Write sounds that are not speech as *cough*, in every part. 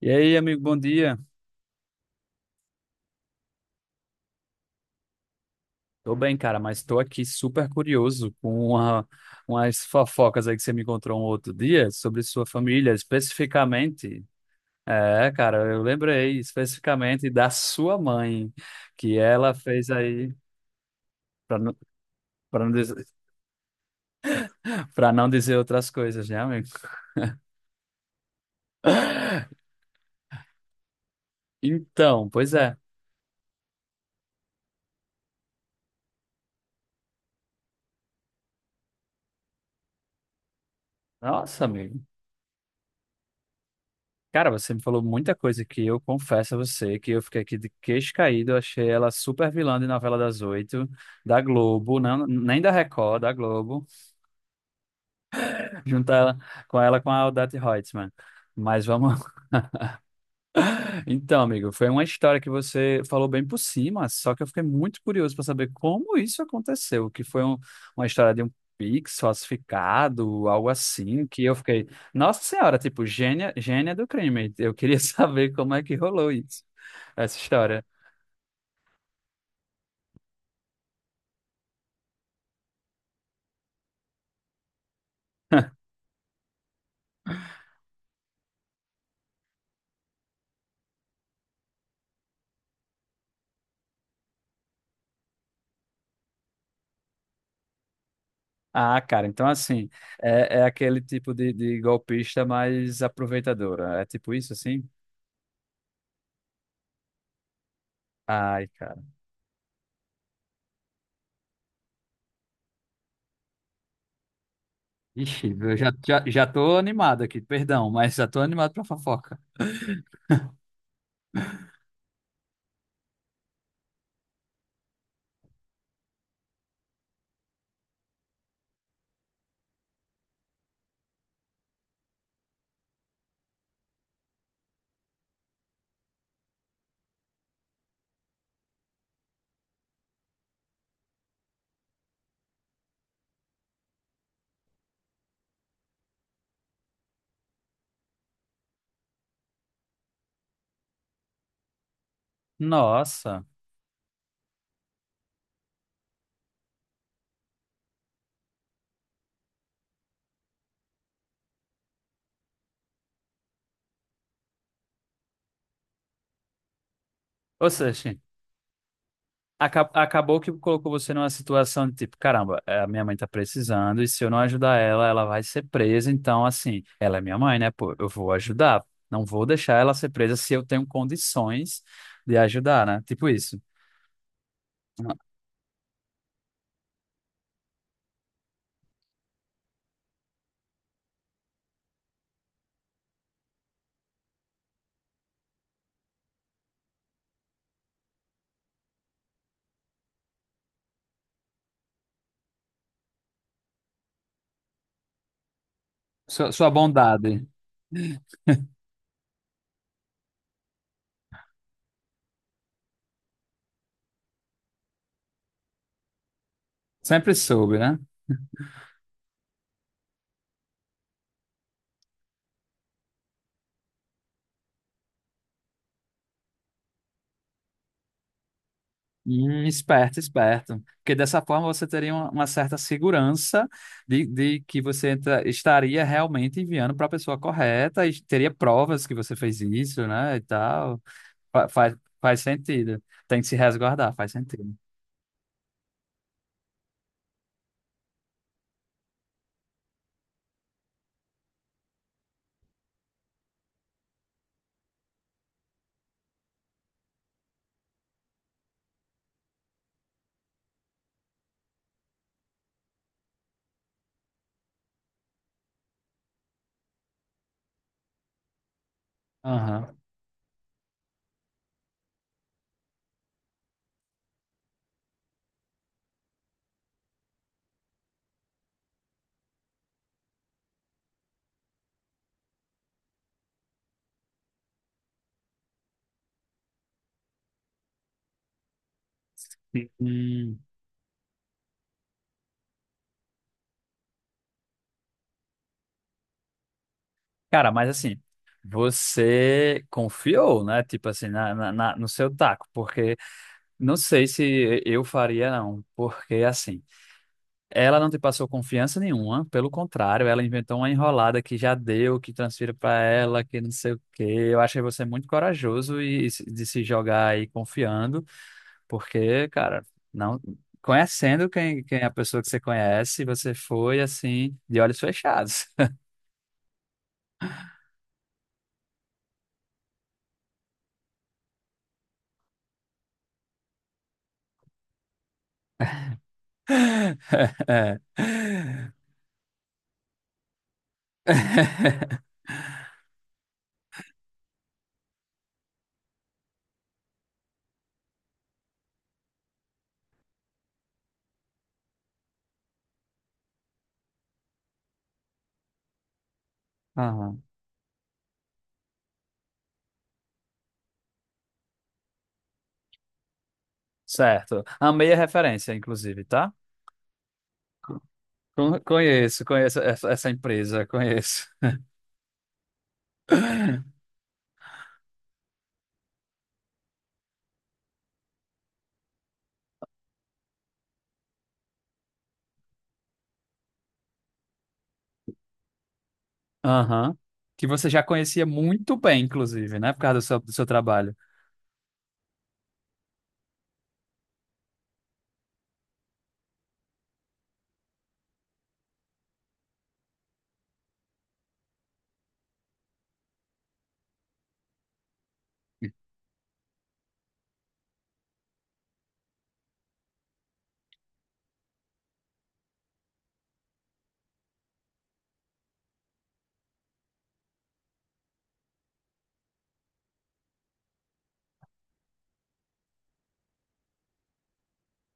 E aí, amigo, bom dia. Tô bem, cara, mas tô aqui super curioso com umas fofocas aí que você me encontrou um outro dia sobre sua família, especificamente. É, cara, eu lembrei especificamente da sua mãe, que ela fez aí, para não, para não dizer, *laughs* para não dizer outras coisas, né, amigo? *laughs* Então, pois é. Nossa, amigo. Cara, você me falou muita coisa que eu confesso a você que eu fiquei aqui de queixo caído. Eu achei ela super vilã de novela das oito, da Globo, não, nem da Record, da Globo, *laughs* juntar com ela com a Odete Roitman. Mas vamos… Então, amigo, foi uma história que você falou bem por cima, só que eu fiquei muito curioso para saber como isso aconteceu, que foi uma história de um Pix falsificado, algo assim, que eu fiquei, nossa senhora, tipo, gênia, gênia do crime. Eu queria *laughs* saber como é que rolou essa história. *laughs* Ah, cara, então assim, é aquele tipo de golpista mais aproveitadora. É tipo isso, assim? Ai, cara. Ixi, eu já tô animado aqui, perdão, mas já tô animado pra fofoca. *laughs* Nossa. Ou seja, acabou que colocou você numa situação de tipo, caramba, é, a minha mãe tá precisando e se eu não ajudar ela, ela vai ser presa. Então, assim, ela é minha mãe, né? Pô, eu vou ajudar. Não vou deixar ela ser presa se eu tenho condições de ajudar, né? Tipo isso. Sua bondade. Sempre soube, né? Esperto. Porque dessa forma você teria uma certa segurança de que você estaria realmente enviando para a pessoa correta e teria provas que você fez isso, né? E tal. Fa- faz, Faz sentido. Tem que se resguardar, faz sentido. Aham. Hum. Cara, mas assim, você confiou, né? Tipo assim, no seu taco, porque não sei se eu faria, não. Porque assim. Ela não te passou confiança nenhuma, pelo contrário, ela inventou uma enrolada que já deu, que transfira para ela, que não sei o quê. Eu achei você é muito corajoso de se jogar aí confiando, porque, cara, não conhecendo quem é a pessoa que você conhece, você foi assim, de olhos fechados. *laughs* É. *laughs* Aham. Certo. Amei a referência, inclusive, tá? Conheço essa essa empresa, conheço. *laughs* Aham. Que você já conhecia muito bem, inclusive, né? Por causa do do seu trabalho.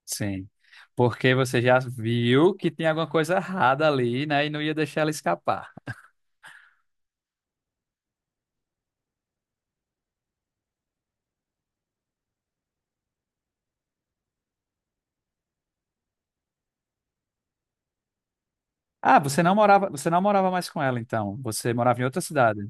Sim. Porque você já viu que tem alguma coisa errada ali, né? E não ia deixar ela escapar. Ah, você não morava mais com ela, então. Você morava em outra cidade.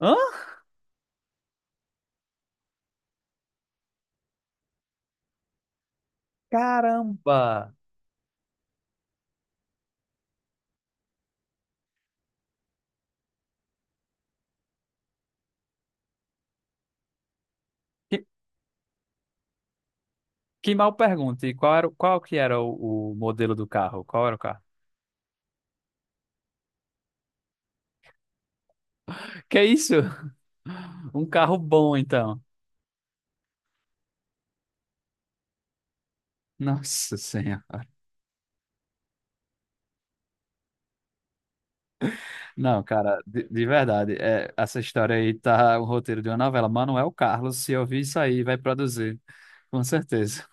Hã? Caramba! Que, que mal pergunta. E qual era, o- qual que era o modelo do carro? Qual era o carro? Que isso? Um carro bom, então. Nossa Senhora. Não, cara, de verdade, é, essa história aí tá o roteiro de uma novela. Manuel Carlos, se eu vi isso aí, vai produzir, com certeza.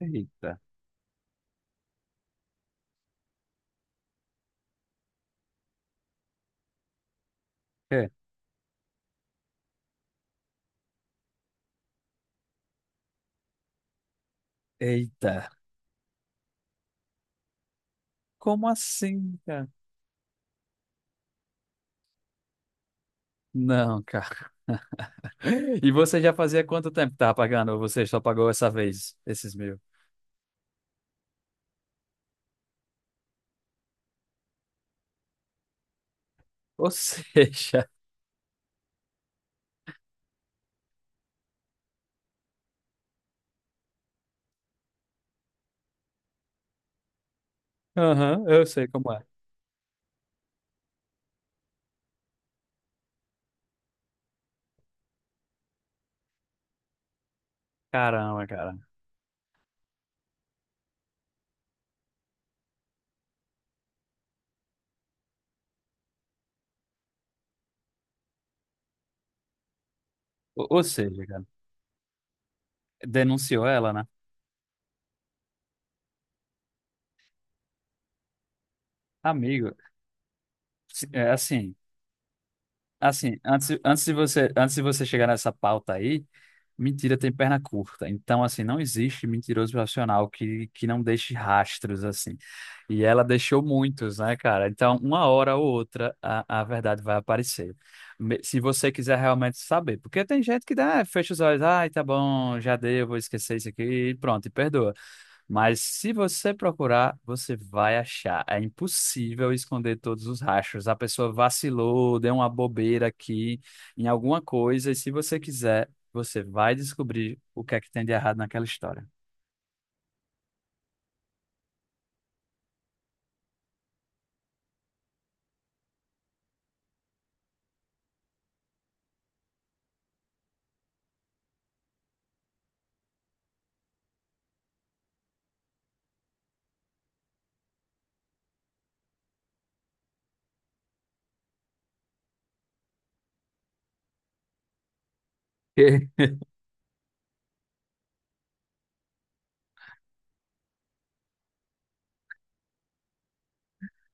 Eita, é, eita, como assim, cara? Não, cara. E você já fazia quanto tempo que tava pagando? Ou você só pagou essa vez, esses mil? Ou seja, *laughs* aham, eu sei como é. Caramba, cara. Ou seja, cara, denunciou ela, né? Amigo, é assim. Assim, antes de você chegar nessa pauta aí, mentira tem perna curta. Então, assim, não existe mentiroso profissional que não deixe rastros, assim. E ela deixou muitos, né, cara? Então, uma hora ou outra, a verdade vai aparecer. Se você quiser realmente saber. Porque tem gente que dá, fecha os olhos, ai, tá bom, já deu, vou esquecer isso aqui, e pronto, e perdoa. Mas se você procurar, você vai achar. É impossível esconder todos os rastros. A pessoa vacilou, deu uma bobeira aqui em alguma coisa, e se você quiser, você vai descobrir o que é que tem de errado naquela história. *laughs*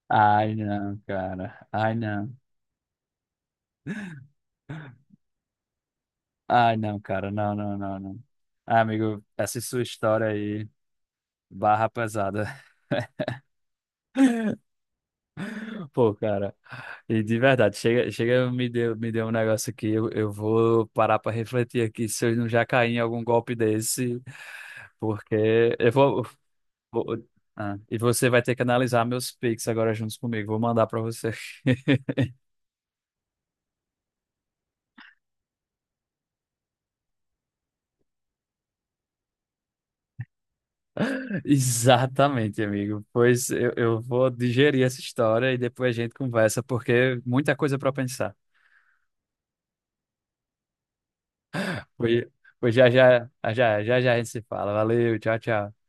Ai, não, cara. Ai, não. Ai, não, cara. Não, não, não, não. Ah, amigo, essa sua história aí, barra pesada. Pô, cara, e de verdade, chega, me deu um negócio aqui, eu vou parar pra refletir aqui se eu não já caí em algum golpe desse, porque vou- ah, e você vai ter que analisar meus Pix agora juntos comigo, vou mandar pra você. *laughs* Exatamente, amigo, pois eu vou digerir essa história e depois a gente conversa, porque muita coisa pra pensar. Pois, pois já a gente se fala, valeu, tchau, tchau.